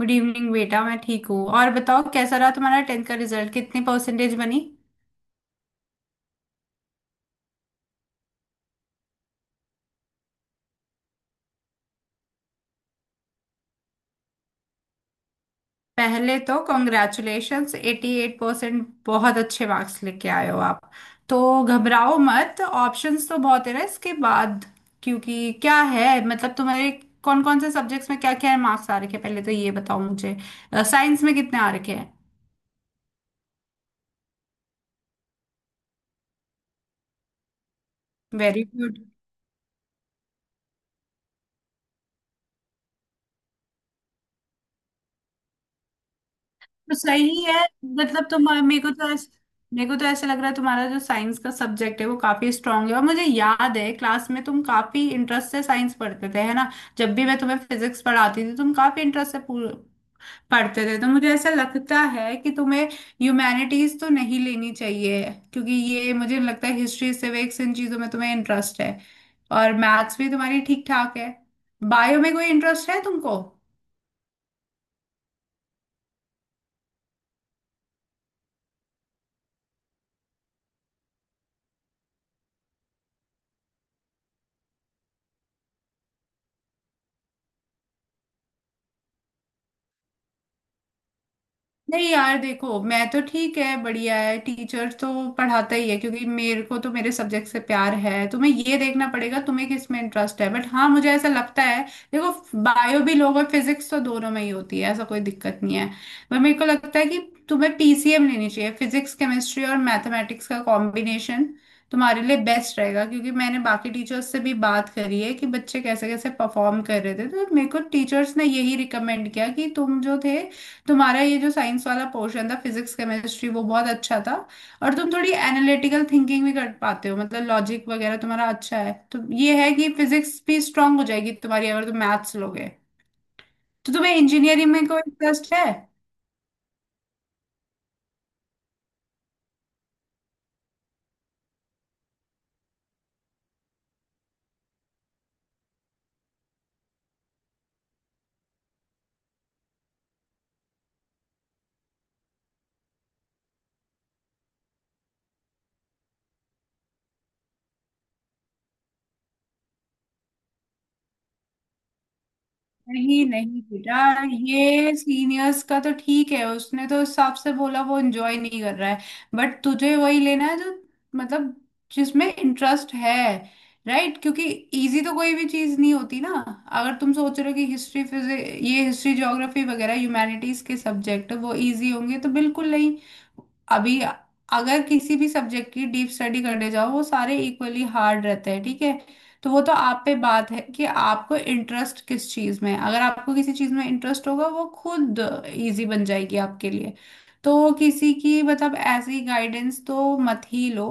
Good evening बेटा। मैं ठीक हूँ। और बताओ कैसा रहा तुम्हारा टेंथ का रिजल्ट? कितनी परसेंटेज बनी? पहले तो कॉन्ग्रेचुलेशंस, 88 परसेंट बहुत अच्छे मार्क्स लेके आए हो आप। तो घबराओ मत, ऑप्शंस तो बहुत है ना इसके बाद। क्योंकि क्या है, तुम्हारे कौन कौन से सब्जेक्ट्स में क्या क्या मार्क्स आ रखे हैं, पहले तो ये बताओ मुझे। साइंस में कितने आ रखे हैं? Very good. तो सही है। मतलब तुम मेरे को तो ऐस- मेरे को तो ऐसा लग रहा है तुम्हारा जो साइंस का सब्जेक्ट है वो काफी स्ट्रांग है। और मुझे याद है क्लास में तुम काफी इंटरेस्ट से साइंस पढ़ते थे, है ना। जब भी मैं तुम्हें फिजिक्स पढ़ाती थी तुम काफी इंटरेस्ट से पढ़ते थे। तो मुझे ऐसा लगता है कि तुम्हें ह्यूमैनिटीज तो नहीं लेनी चाहिए, क्योंकि ये मुझे लगता है हिस्ट्री सिविक्स इन चीजों में तुम्हें इंटरेस्ट है। और मैथ्स भी तुम्हारी ठीक ठाक है। बायो में कोई इंटरेस्ट है तुमको? नहीं यार देखो, मैं तो ठीक है बढ़िया है, टीचर तो पढ़ाता ही है क्योंकि मेरे को तो मेरे सब्जेक्ट से प्यार है। तुम्हें ये देखना पड़ेगा तुम्हें किस में इंटरेस्ट है। बट हाँ, मुझे ऐसा लगता है, देखो, बायो भी लोग और फिजिक्स तो दोनों में ही होती है, ऐसा कोई दिक्कत नहीं है। पर मेरे को लगता है कि तुम्हें पीसीएम लेनी चाहिए। फिजिक्स केमिस्ट्री और मैथमेटिक्स का कॉम्बिनेशन तुम्हारे लिए बेस्ट रहेगा। क्योंकि मैंने बाकी टीचर्स से भी बात करी है कि बच्चे कैसे कैसे परफॉर्म कर रहे थे, तो मेरे को टीचर्स ने यही रिकमेंड किया कि तुम जो थे, तुम्हारा ये जो साइंस वाला पोर्शन था फिजिक्स केमिस्ट्री वो बहुत अच्छा था। और तुम थोड़ी एनालिटिकल थिंकिंग भी कर पाते हो, लॉजिक वगैरह तुम्हारा अच्छा है। तो ये है कि फिजिक्स भी स्ट्रांग हो जाएगी तुम्हारी अगर तुम मैथ्स लोगे। तो तुम्हें इंजीनियरिंग में कोई इंटरेस्ट है? नहीं नहीं बेटा, ये सीनियर्स का तो ठीक है, उसने तो उस हिसाब से बोला, वो एंजॉय नहीं कर रहा है। बट तुझे वही लेना है जो मतलब जिसमें इंटरेस्ट है, राइट। क्योंकि इजी तो कोई भी चीज नहीं होती ना। अगर तुम सोच रहे हो कि हिस्ट्री फिजिक ये हिस्ट्री ज्योग्राफी वगैरह ह्यूमैनिटीज के सब्जेक्ट वो इजी होंगे, तो बिल्कुल नहीं। अभी अगर किसी भी सब्जेक्ट की डीप स्टडी करने जाओ वो सारे इक्वली हार्ड रहते हैं, ठीक है। तो वो तो आप पे बात है कि आपको इंटरेस्ट किस चीज में है। अगर आपको किसी चीज में इंटरेस्ट होगा वो खुद इजी बन जाएगी आपके लिए। तो किसी की ऐसी गाइडेंस तो मत ही लो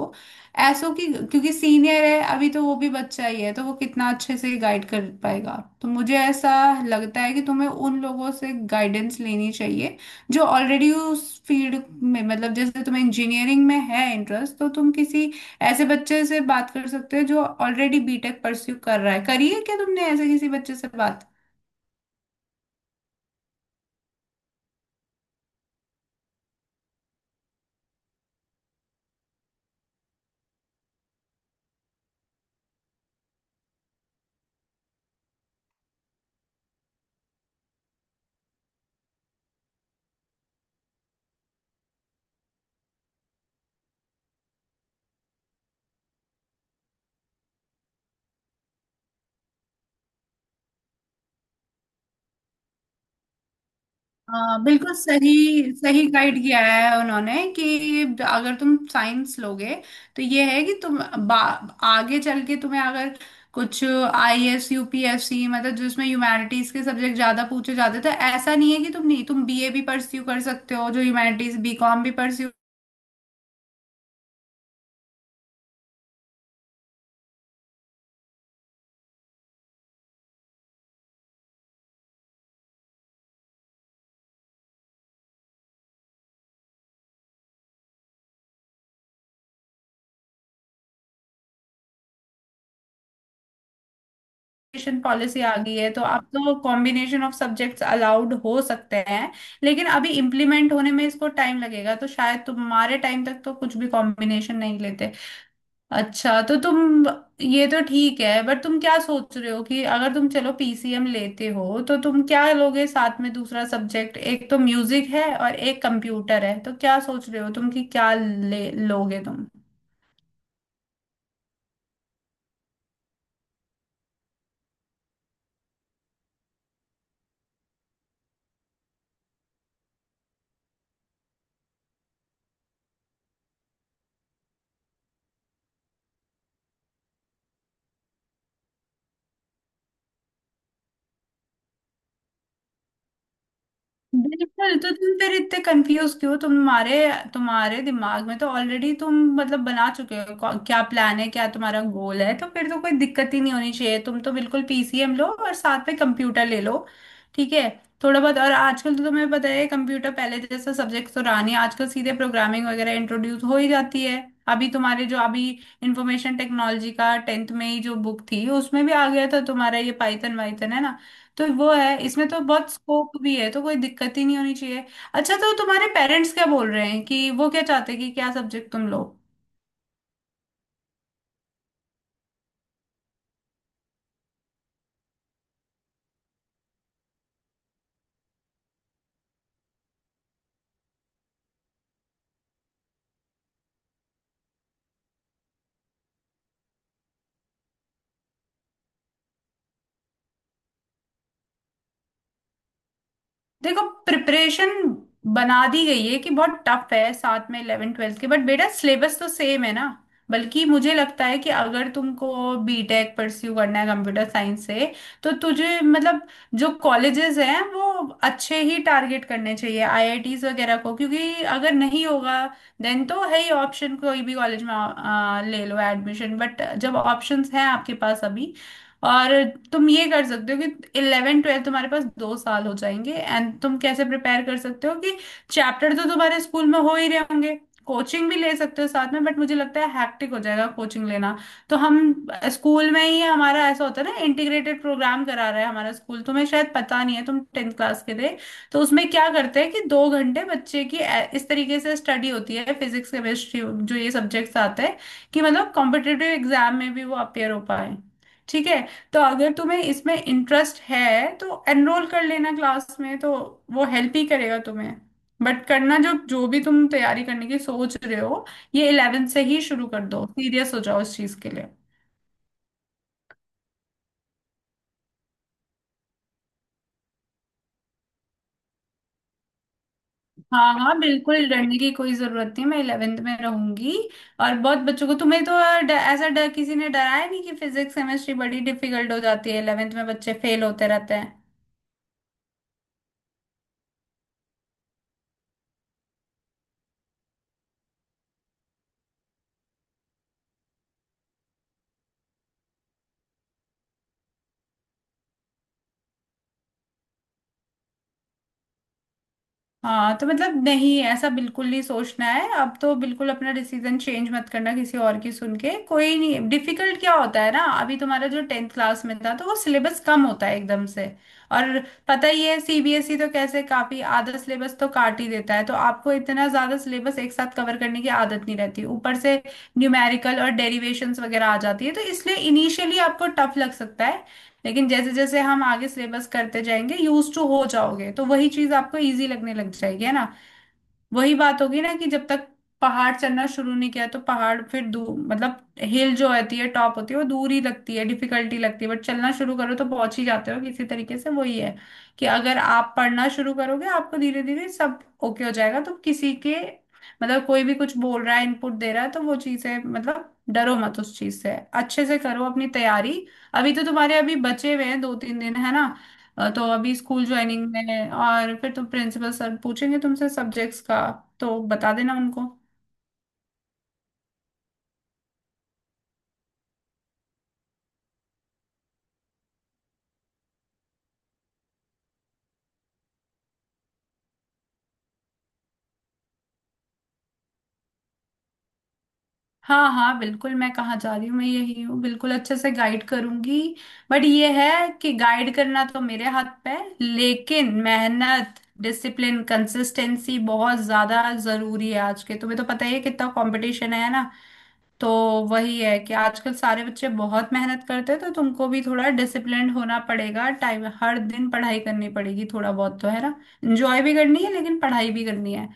ऐसो की, क्योंकि सीनियर है, अभी तो वो भी बच्चा ही है, तो वो कितना अच्छे से गाइड कर पाएगा। तो मुझे ऐसा लगता है कि तुम्हें उन लोगों से गाइडेंस लेनी चाहिए जो ऑलरेडी उस फील्ड में, जैसे तुम्हें इंजीनियरिंग में है इंटरेस्ट, तो तुम किसी ऐसे बच्चे से बात कर सकते हो जो ऑलरेडी बीटेक परस्यू कर रहा है। करी है क्या तुमने ऐसे किसी बच्चे से बात? हाँ बिल्कुल, सही सही गाइड किया है उन्होंने कि अगर तुम साइंस लोगे तो ये है कि तुम आगे चल के तुम्हें अगर कुछ आईएएस यूपीएससी, जिसमें ह्यूमैनिटीज के सब्जेक्ट ज्यादा पूछे जाते, तो ऐसा नहीं है कि तुम नहीं, तुम बीए भी परस्यू कर सकते हो जो ह्यूमैनिटीज, बीकॉम भी परस्यू। एजुकेशन पॉलिसी आ गई है तो अब तो कॉम्बिनेशन ऑफ सब्जेक्ट्स अलाउड हो सकते हैं, लेकिन अभी इम्प्लीमेंट होने में इसको टाइम लगेगा तो शायद तुम्हारे टाइम तक तो कुछ भी कॉम्बिनेशन नहीं लेते। अच्छा तो तुम, ये तो ठीक है, बट तुम क्या सोच रहे हो कि अगर तुम चलो पीसीएम लेते हो तो तुम क्या लोगे साथ में दूसरा सब्जेक्ट, एक तो म्यूजिक है और एक कंप्यूटर है, तो क्या सोच रहे हो तुम कि क्या ले लोगे तुम? बिल्कुल, तो तुम फिर इतने कंफ्यूज क्यों? तुम्हारे तुम्हारे दिमाग में तो ऑलरेडी तुम बना चुके हो क्या प्लान है, क्या तुम्हारा गोल है, तो फिर तो कोई दिक्कत ही नहीं होनी चाहिए। तुम तो बिल्कुल पीसीएम लो और साथ में कंप्यूटर ले लो, ठीक है। थोड़ा बहुत, और आजकल तो तुम्हें पता है कंप्यूटर पहले जैसा सब्जेक्ट तो रहा नहीं, आजकल सीधे प्रोग्रामिंग वगैरह इंट्रोड्यूस हो ही जाती है। अभी तुम्हारे जो अभी इंफॉर्मेशन टेक्नोलॉजी का टेंथ में ही जो बुक थी उसमें भी आ गया था तुम्हारा ये पाइथन वाइथन, है ना। तो वो है, इसमें तो बहुत स्कोप भी है, तो कोई दिक्कत ही नहीं होनी चाहिए। अच्छा तो तुम्हारे पेरेंट्स क्या बोल रहे हैं, कि वो क्या चाहते हैं कि क्या सब्जेक्ट तुम लो? देखो, प्रिपरेशन बना दी गई है कि बहुत टफ है साथ में इलेवन ट्वेल्थ के, बट बेटा सिलेबस तो सेम है ना। बल्कि मुझे लगता है कि अगर तुमको बीटेक परस्यू करना है कंप्यूटर साइंस से, तो तुझे मतलब जो कॉलेजेस हैं वो अच्छे ही टारगेट करने चाहिए, आईआईटीज वगैरह को। क्योंकि अगर नहीं होगा देन तो है ही ऑप्शन, कोई भी कॉलेज में ले लो एडमिशन, बट जब ऑप्शंस हैं आपके पास अभी। और तुम ये कर सकते हो कि इलेवन ट्वेल्थ तुम्हारे पास दो साल हो जाएंगे, एंड तुम कैसे प्रिपेयर कर सकते हो कि चैप्टर तो तुम्हारे स्कूल में हो ही रहे होंगे, कोचिंग भी ले सकते हो साथ में, बट मुझे लगता है हैक्टिक हो जाएगा कोचिंग लेना। तो हम स्कूल में ही, हमारा ऐसा होता है ना, इंटीग्रेटेड प्रोग्राम करा रहा है हमारा स्कूल, तुम्हें शायद पता नहीं है तुम टेंथ क्लास के थे। तो उसमें क्या करते हैं कि दो घंटे बच्चे की इस तरीके से स्टडी होती है फिजिक्स केमिस्ट्री जो ये सब्जेक्ट्स आते हैं, कि कॉम्पिटेटिव एग्जाम में भी वो अपेयर हो पाए, ठीक है। तो अगर तुम्हें इसमें इंटरेस्ट है तो एनरोल कर लेना क्लास में, तो वो हेल्प ही करेगा तुम्हें। बट करना, जो जो भी तुम तैयारी करने की सोच रहे हो ये इलेवेंथ से ही शुरू कर दो, सीरियस हो जाओ इस चीज के लिए। हाँ हाँ बिल्कुल, डरने की कोई जरूरत नहीं, मैं इलेवेंथ में रहूंगी। और बहुत बच्चों को, तुम्हें तो ऐसा डर किसी ने डराया नहीं कि फिजिक्स केमिस्ट्री बड़ी डिफिकल्ट हो जाती है इलेवेंथ में बच्चे फेल होते रहते हैं। हाँ तो नहीं, ऐसा बिल्कुल नहीं सोचना है, अब तो बिल्कुल अपना डिसीजन चेंज मत करना किसी और की सुन के, कोई नहीं। डिफिकल्ट क्या होता है ना, अभी तुम्हारा जो टेंथ क्लास में था तो वो सिलेबस कम होता है एकदम से। और पता ही है सीबीएसई तो कैसे काफी आधा सिलेबस तो काट ही देता है, तो आपको इतना ज्यादा सिलेबस एक साथ कवर करने की आदत नहीं रहती, ऊपर से न्यूमेरिकल और डेरिवेशंस वगैरह आ जाती है, तो इसलिए इनिशियली आपको टफ लग सकता है। लेकिन जैसे जैसे हम आगे सिलेबस करते जाएंगे यूज टू हो जाओगे, तो वही चीज आपको इजी लगने लग जाएगी, है ना। वही बात होगी ना कि जब तक पहाड़ चढ़ना शुरू नहीं किया तो पहाड़ फिर दूर, हिल जो होती है टॉप होती है वो दूर ही लगती है, डिफिकल्टी लगती है, बट चलना शुरू करो तो पहुंच ही जाते हो किसी तरीके से। वही है कि अगर आप पढ़ना शुरू करोगे आपको धीरे धीरे सब ओके हो जाएगा। तो किसी के कोई भी कुछ बोल रहा है इनपुट दे रहा है तो वो चीजें, डरो मत उस चीज से, अच्छे से करो अपनी तैयारी। अभी तो तुम्हारे अभी बचे हुए हैं दो तीन दिन, है ना। तो अभी स्कूल ज्वाइनिंग में है और फिर तुम प्रिंसिपल सर पूछेंगे तुमसे सब्जेक्ट्स का, तो बता देना उनको। हाँ हाँ बिल्कुल, मैं कहाँ जा रही हूँ, मैं यही हूँ, बिल्कुल अच्छे से गाइड करूंगी। बट ये है कि गाइड करना तो मेरे हाथ पे है, लेकिन मेहनत डिसिप्लिन कंसिस्टेंसी बहुत ज्यादा जरूरी है। आज के तुम्हें तो पता ही है कितना कंपटीशन है ना। तो वही है कि आजकल सारे बच्चे बहुत मेहनत करते हैं, तो तुमको भी थोड़ा डिसिप्लिन्ड होना पड़ेगा, टाइम हर दिन पढ़ाई करनी पड़ेगी थोड़ा बहुत, तो है ना, एंजॉय भी करनी है लेकिन पढ़ाई भी करनी है।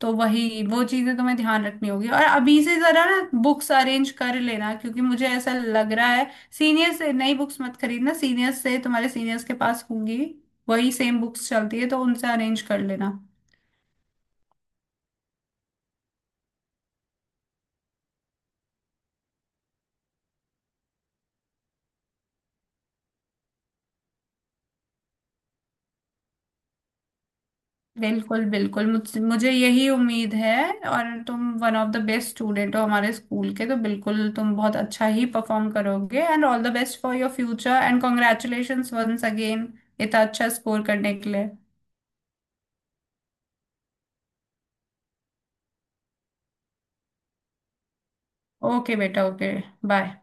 तो वही वो चीजें तुम्हें ध्यान रखनी होगी। और अभी से जरा ना बुक्स अरेंज कर लेना, क्योंकि मुझे ऐसा लग रहा है, सीनियर से, नई बुक्स मत खरीदना, सीनियर्स से तुम्हारे सीनियर्स के पास होंगी, वही सेम बुक्स चलती है, तो उनसे अरेंज कर लेना। बिल्कुल बिल्कुल, मुझे यही उम्मीद है। और तुम one of the best student हो हमारे स्कूल के, तो बिल्कुल तुम बहुत अच्छा ही परफॉर्म करोगे। And all the best for your future, and congratulations once again इतना अच्छा स्कोर करने के लिए। ओके बेटा, ओके, बाय।